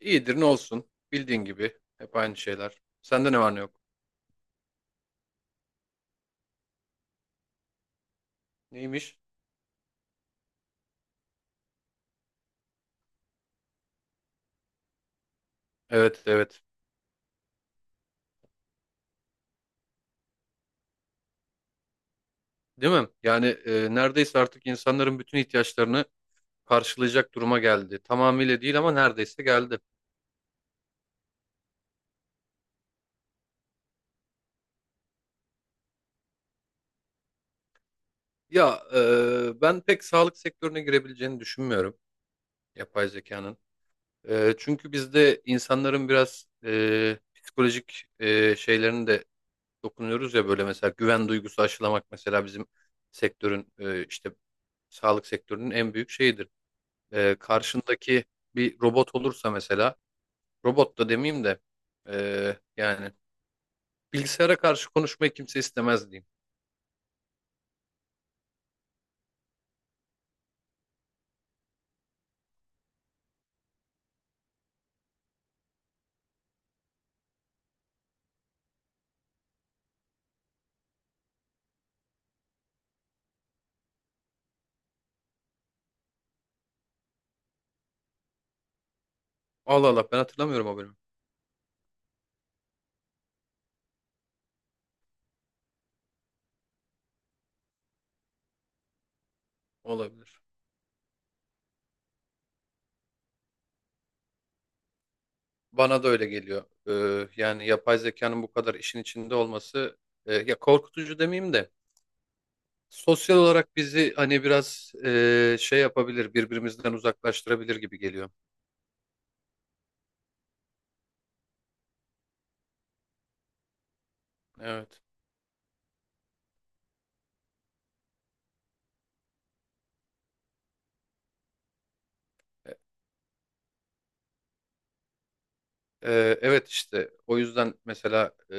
İyidir ne olsun. Bildiğin gibi. Hep aynı şeyler. Sende ne var ne yok? Neymiş? Evet evet. Değil mi? Yani neredeyse artık insanların bütün ihtiyaçlarını karşılayacak duruma geldi. Tamamıyla değil ama neredeyse geldi. Ya ben pek sağlık sektörüne girebileceğini düşünmüyorum yapay zekanın. Çünkü bizde insanların biraz psikolojik şeylerini de dokunuyoruz ya, böyle mesela güven duygusu aşılamak mesela bizim sektörün işte sağlık sektörünün en büyük şeyidir. Karşındaki bir robot olursa mesela, robot da demeyeyim de yani bilgisayara karşı konuşmayı kimse istemez diyeyim. Allah Allah, ben hatırlamıyorum o bölümü. Olabilir. Bana da öyle geliyor. Yani yapay zekanın bu kadar işin içinde olması ya korkutucu demeyeyim de sosyal olarak bizi, hani biraz şey yapabilir, birbirimizden uzaklaştırabilir gibi geliyor. Evet. Evet işte o yüzden mesela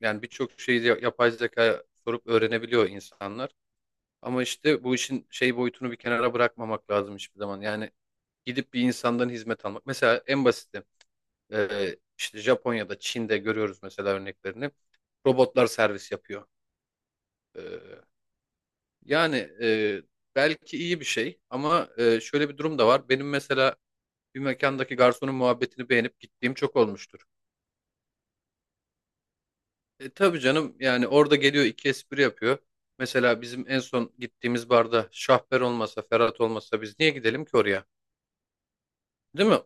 yani birçok şeyi yapay zeka sorup öğrenebiliyor insanlar. Ama işte bu işin şey boyutunu bir kenara bırakmamak lazım hiçbir zaman. Yani gidip bir insandan hizmet almak. Mesela en basiti işte Japonya'da, Çin'de görüyoruz mesela örneklerini. Robotlar servis yapıyor. Ee, yani belki iyi bir şey ama şöyle bir durum da var. Benim mesela bir mekandaki garsonun muhabbetini beğenip gittiğim çok olmuştur. Tabii canım, yani orada geliyor iki espri yapıyor. Mesela bizim en son gittiğimiz barda Şahber olmasa, Ferhat olmasa biz niye gidelim ki oraya? Değil mi?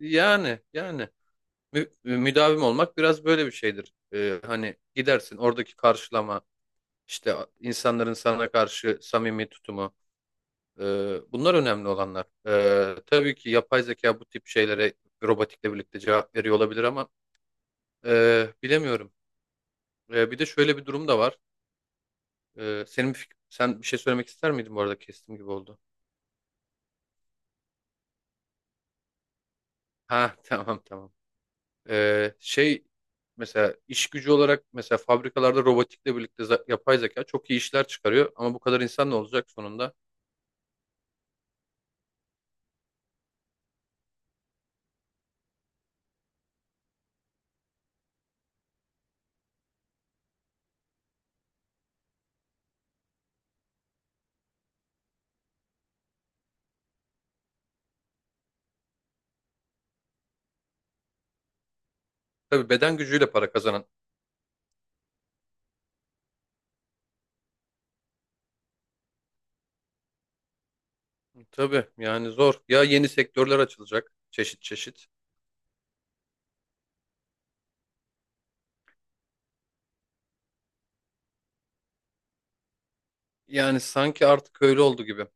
Yani müdavim olmak biraz böyle bir şeydir. Hani gidersin, oradaki karşılama, işte insanların sana karşı samimi tutumu, e, bunlar önemli olanlar. Tabii ki yapay zeka bu tip şeylere robotikle birlikte cevap veriyor olabilir ama bilemiyorum. Bir de şöyle bir durum da var. Senin sen bir şey söylemek ister miydin, bu arada kestim gibi oldu. Ha tamam tamam. Şey, mesela iş gücü olarak mesela fabrikalarda robotikle birlikte yapay zeka çok iyi işler çıkarıyor ama bu kadar insan ne olacak sonunda? Tabii, beden gücüyle para kazanan. Tabii yani zor. Ya, yeni sektörler açılacak çeşit çeşit. Yani sanki artık öyle oldu gibi.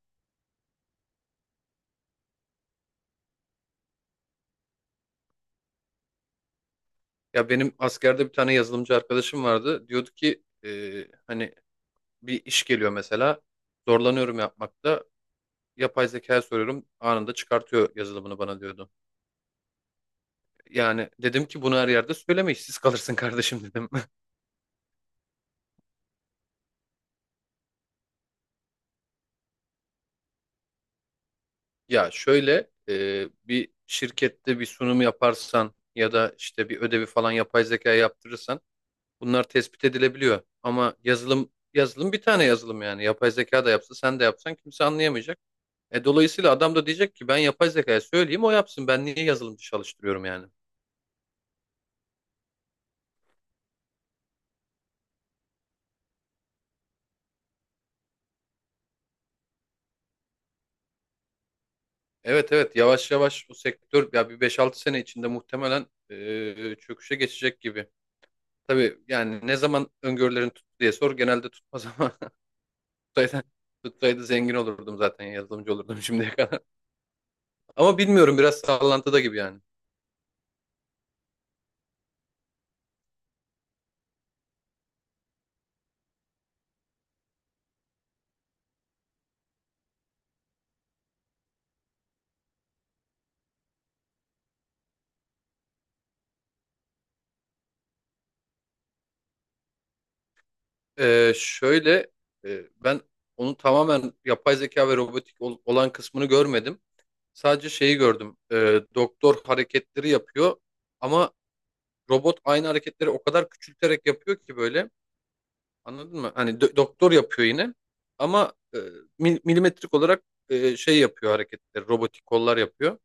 Ya benim askerde bir tane yazılımcı arkadaşım vardı. Diyordu ki hani bir iş geliyor mesela. Zorlanıyorum yapmakta. Yapay zekaya soruyorum, anında çıkartıyor yazılımını bana diyordu. Yani dedim ki bunu her yerde söyleme, işsiz kalırsın kardeşim dedim. Ya şöyle, bir şirkette bir sunum yaparsan ya da işte bir ödevi falan yapay zekaya yaptırırsan, bunlar tespit edilebiliyor. Ama yazılım, yazılım bir tane yazılım, yani yapay zeka da yapsa sen de yapsan kimse anlayamayacak. Dolayısıyla adam da diyecek ki ben yapay zekaya söyleyeyim o yapsın, ben niye yazılımcı çalıştırıyorum yani. Evet evet, yavaş yavaş o sektör ya bir 5-6 sene içinde muhtemelen çöküşe geçecek gibi. Tabii yani, ne zaman öngörülerin tuttu diye sor, genelde tutmaz ama tutsaydı, tutsaydı zengin olurdum, zaten yazılımcı olurdum şimdiye kadar. Ama bilmiyorum, biraz sallantıda gibi yani. Şöyle, ben onu tamamen yapay zeka ve robotik olan kısmını görmedim. Sadece şeyi gördüm. Doktor hareketleri yapıyor ama robot aynı hareketleri o kadar küçülterek yapıyor ki böyle. Anladın mı? Hani doktor yapıyor yine ama milimetrik olarak şey yapıyor hareketleri, robotik kollar yapıyor.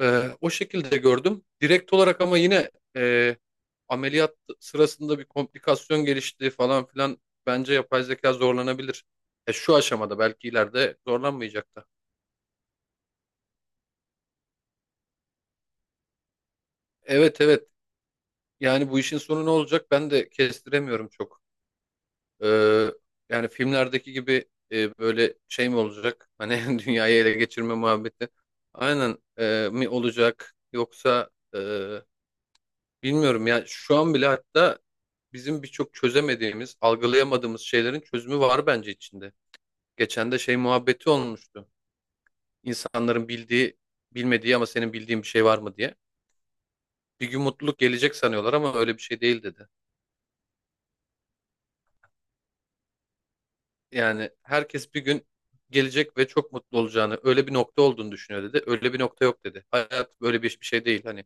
O şekilde gördüm direkt olarak. Ama yine e, ameliyat sırasında bir komplikasyon gelişti falan filan, bence yapay zeka zorlanabilir. Şu aşamada, belki ileride zorlanmayacak da. Evet evet, yani bu işin sonu ne olacak ben de kestiremiyorum çok. Ee, Yani filmlerdeki gibi böyle şey mi olacak? Hani dünyayı ele geçirme muhabbeti. Aynen, mi olacak? Yoksa bilmiyorum ya. Şu an bile hatta bizim birçok çözemediğimiz, algılayamadığımız şeylerin çözümü var bence içinde. Geçen de şey muhabbeti olmuştu. İnsanların bildiği, bilmediği ama senin bildiğin bir şey var mı diye. Bir gün mutluluk gelecek sanıyorlar ama öyle bir şey değil dedi. Yani herkes bir gün gelecek ve çok mutlu olacağını, öyle bir nokta olduğunu düşünüyor dedi. Öyle bir nokta yok dedi. Hayat böyle bir şey değil. Hani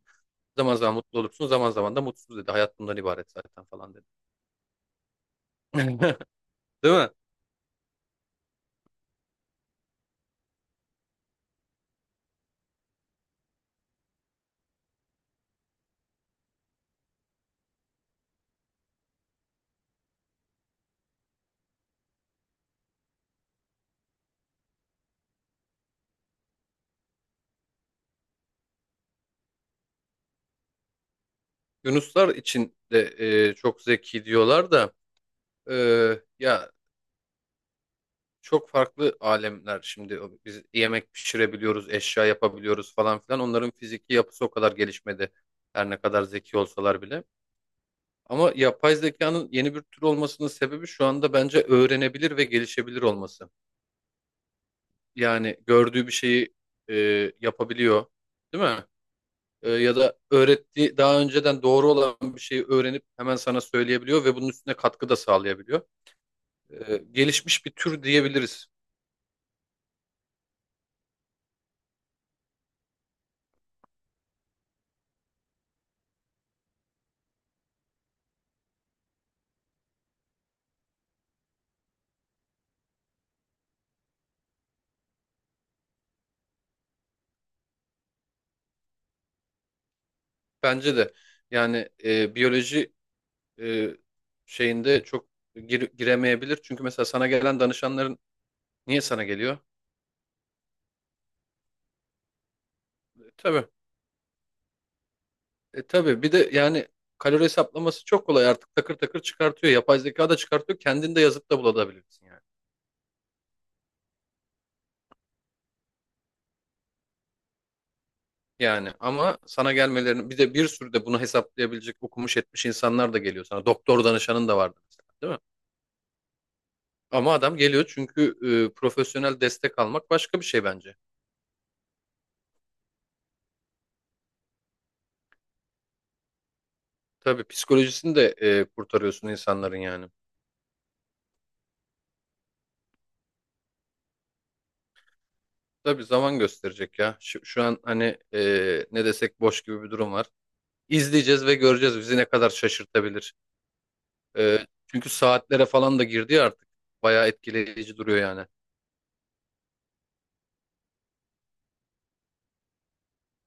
zaman zaman mutlu olursun, zaman zaman da mutsuz dedi. Hayat bundan ibaret zaten falan dedi. Değil mi? Yunuslar için de çok zeki diyorlar da e, ya, çok farklı alemler şimdi. Biz yemek pişirebiliyoruz, eşya yapabiliyoruz falan filan. Onların fiziki yapısı o kadar gelişmedi, her ne kadar zeki olsalar bile. Ama yapay zekanın yeni bir tür olmasının sebebi şu anda bence öğrenebilir ve gelişebilir olması. Yani gördüğü bir şeyi e, yapabiliyor, değil mi? Ya da öğrettiği daha önceden doğru olan bir şeyi öğrenip hemen sana söyleyebiliyor ve bunun üstüne katkı da sağlayabiliyor. Gelişmiş bir tür diyebiliriz, bence de. Yani biyoloji e, şeyinde çok giremeyebilir. Çünkü mesela sana gelen danışanların niye sana geliyor? Tabii. Tabii bir de yani kalori hesaplaması çok kolay, artık takır takır çıkartıyor. Yapay zeka da çıkartıyor. Kendin de yazıp da bulabilirsin yani. Yani ama sana gelmelerini, bir de bir sürü de bunu hesaplayabilecek okumuş etmiş insanlar da geliyor sana. Doktor danışanın da vardı mesela, değil mi? Ama adam geliyor çünkü profesyonel destek almak başka bir şey bence. Tabii psikolojisini de kurtarıyorsun insanların yani. Tabii, zaman gösterecek ya. Şu an hani ne desek boş gibi bir durum var. İzleyeceğiz ve göreceğiz bizi ne kadar şaşırtabilir. Ee, Çünkü saatlere falan da girdi ya artık. Bayağı etkileyici duruyor yani.